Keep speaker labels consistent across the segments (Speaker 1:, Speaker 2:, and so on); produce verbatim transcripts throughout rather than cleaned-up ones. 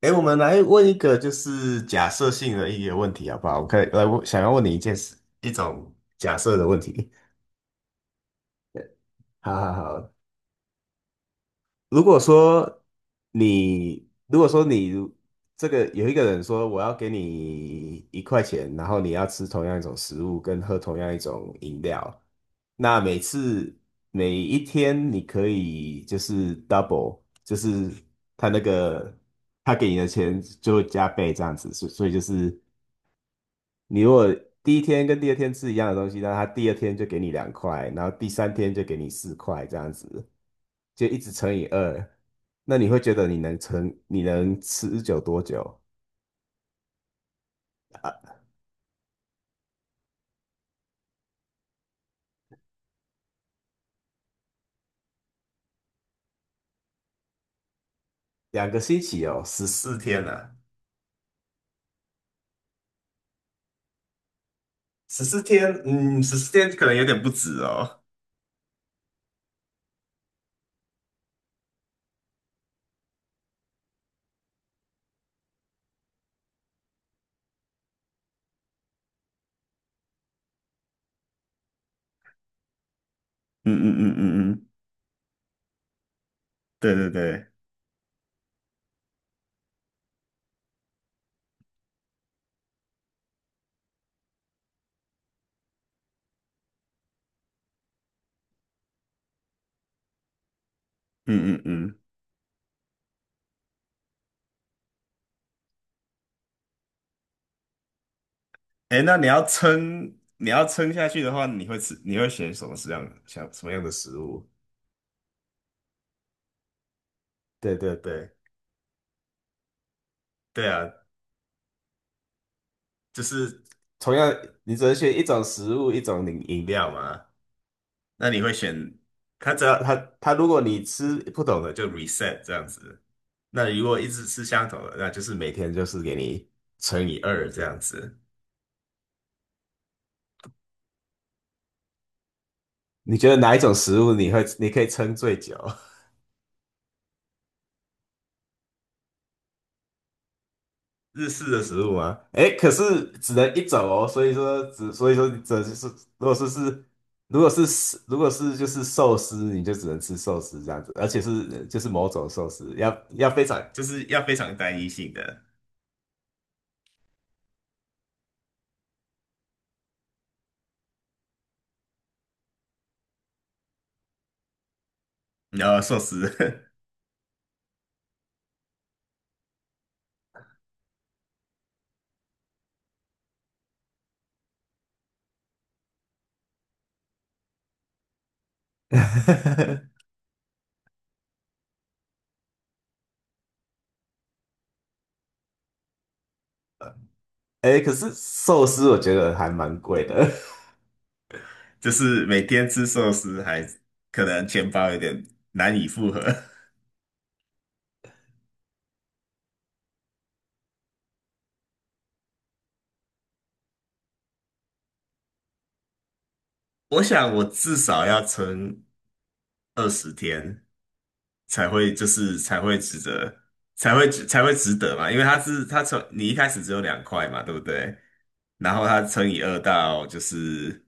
Speaker 1: 哎，我们来问一个就是假设性的一个问题好不好？我可以来问，想要问你一件事，一种假设的问题。好好好。如果说你，如果说你这个有一个人说我要给你一块钱，然后你要吃同样一种食物跟喝同样一种饮料，那每次每一天你可以就是 double，就是他那个他给你的钱就会加倍这样子，所所以就是你如果第一天跟第二天吃一样的东西，那他第二天就给你两块，然后第三天就给你四块，这样子就一直乘以二，那你会觉得你能撑，你能持久多久？啊？两个星期哦，十四天啊，十四天，嗯，十四天可能有点不止哦。嗯嗯嗯嗯嗯。对对对。嗯嗯嗯。哎，那你要撑，你要撑下去的话，你会吃，你会选什么样，像什么样的食物？对对对，对啊，就是同样，你只能选一种食物，一种饮饮料嘛。那你会选它？只要它它，如果你吃不懂的就 reset 这样子。那如果一直吃相同的，那就是每天就是给你乘以二这样子。你觉得哪一种食物你会你可以撑最久？日式的食物吗？诶，可是只能一种哦，所以说只所以说你只就是如果说是如果是如果是就是寿司，你就只能吃寿司这样子，而且是就是某种寿司，要要非常就是要非常单一性的，然后寿司，诶，可是寿司我觉得还蛮贵的，就是每天吃寿司还可能钱包有点难以负荷。我想我至少要撑二十天。才会就是才会值得，才会才会值得嘛，因为它是它从你一开始只有两块嘛，对不对？然后它乘以二到就是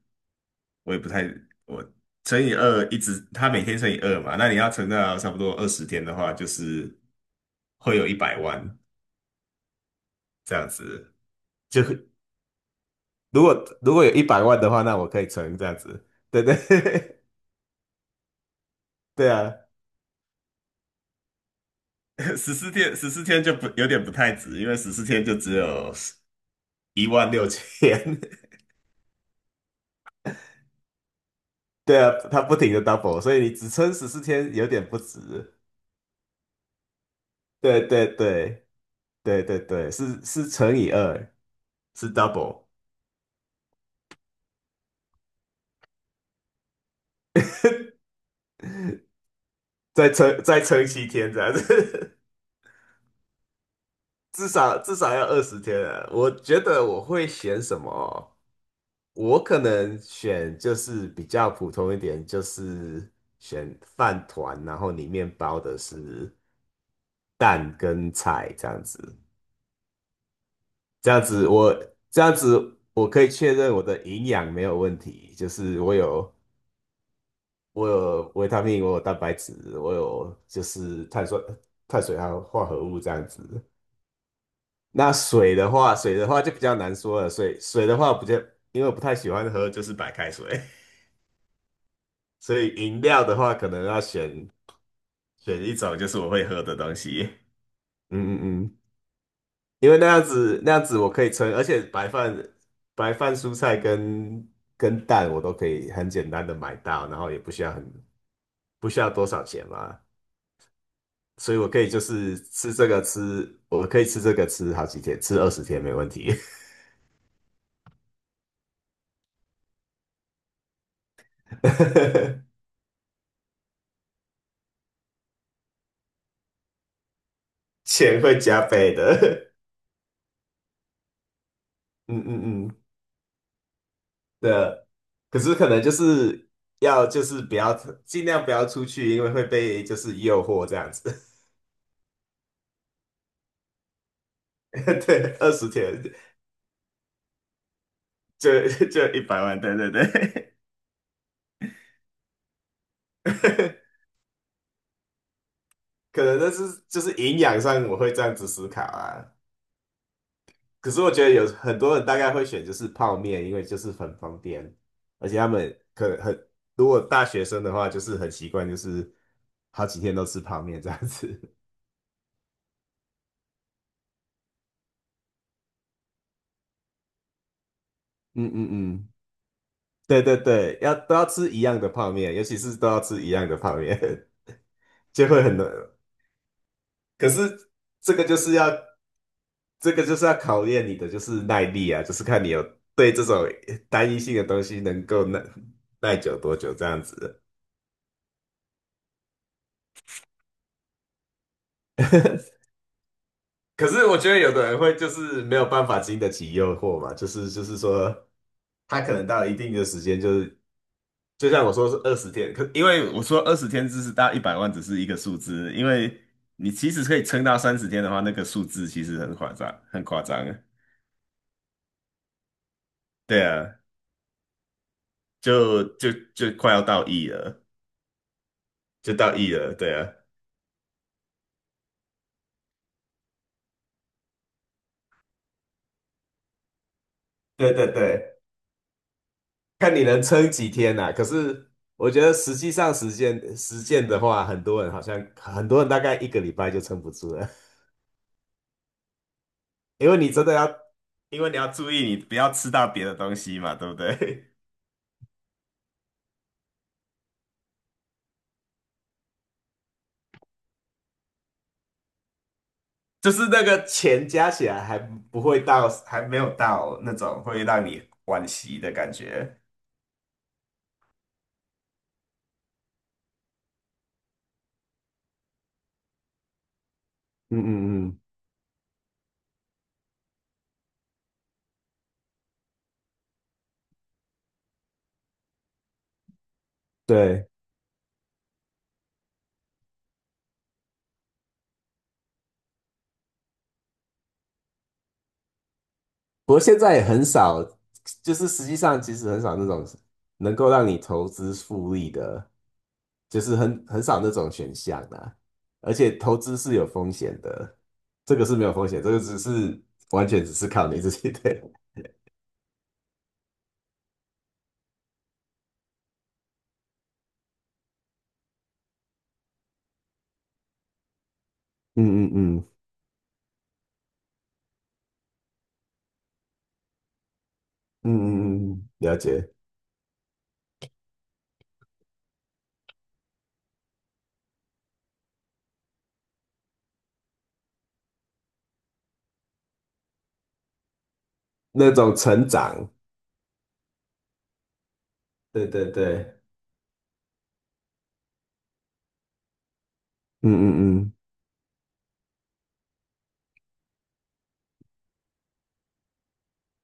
Speaker 1: 我也不太我乘以二一直它每天乘以二嘛，那你要乘到差不多二十天的话，就是会有一百万这样子。就如果如果有一百万的话，那我可以存这样子。对对 对啊，十四天，十四天就不有点不太值，因为十四天就只有十一万六千，对啊，它不停的 double,所以你只撑十四天有点不值。对对对对对对，是是乘以二，是 double,再撑再撑七天这样子，至少至少要二十天啊。我觉得我会选什么？我可能选就是比较普通一点，就是选饭团，然后里面包的是蛋跟菜这样子。这样子我这样子我可以确认我的营养没有问题，就是我有我有维他命，我有蛋白质，我有就是碳酸碳水还有化合物这样子。那水的话，水的话就比较难说了。水水的话不就，因为我不太喜欢喝，就是白开水，所以饮料的话可能要选选一种就是我会喝的东西。嗯嗯嗯。因为那样子那样子我可以称，而且白饭白饭、蔬菜跟跟蛋我都可以很简单的买到，然后也不需要很不需要多少钱嘛，所以我可以就是吃这个吃，我可以吃这个吃好几天，吃二十天没问题，钱会加倍的，嗯嗯嗯，对啊，可是可能就是要就是不要尽量不要出去，因为会被就是诱惑这样子，对，二十天就就一百万，对对对。可能那是就是营养上我会这样子思考啊。可是我觉得有很多人大概会选就是泡面，因为就是很方便，而且他们可能很，如果大学生的话，就是很习惯，就是好几天都吃泡面这样子。嗯嗯嗯。对对对，要都要吃一样的泡面，尤其是都要吃一样的泡面，就会很难。可是这个就是要这个就是要考验你的就是耐力啊，就是看你有对这种单一性的东西能够耐耐久多久这样子。可是我觉得有的人会就是没有办法经得起诱惑嘛，就是就是说他可能到一定的时间就是就像我说是二十天，可因为我说二十天只是到一百万只是一个数字，因为你其实可以撑到三十天的话，那个数字其实很夸张，很夸张。对啊，就就就快要到亿了，就到亿了，对啊。对对对，看你能撑几天呐、可是我觉得实际上实践实践的话，很多人好像很多人大概一个礼拜就撑不住了，因为你真的要，因为你要注意你不要吃到别的东西嘛，对不对？就是那个钱加起来还不会到，还没有到那种会让你惋惜的感觉。嗯嗯嗯，对。不过现在也很少，就是实际上其实很少那种能够让你投资复利的，就是很很少那种选项啦。而且投资是有风险的，这个是没有风险，这个只是完全只是靠你自己。对。嗯嗯嗯嗯嗯嗯，了解。那种成长，对对对，嗯嗯嗯，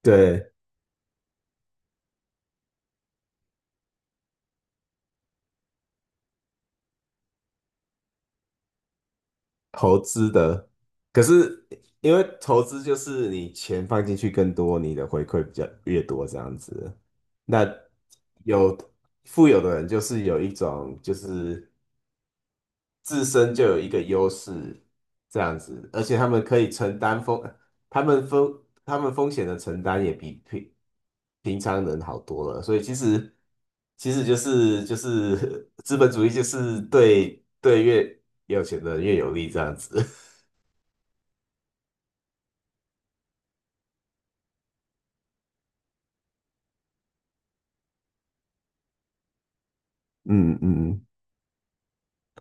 Speaker 1: 对。投资的，可是因为投资就是你钱放进去更多，你的回馈比较越多这样子。那有富有的人就是有一种就是自身就有一个优势这样子，而且他们可以承担风，他们风他们风险的承担也比平平常人好多了。所以其实其实就是就是 资本主义就是对对越有钱的人越有利这样子。嗯嗯。嗯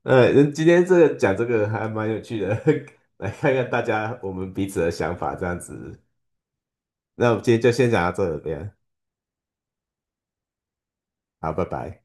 Speaker 1: 呃，今天这个讲这个还蛮有趣的，来看看大家我们彼此的想法这样子。那我们今天就先讲到这边，好，拜拜。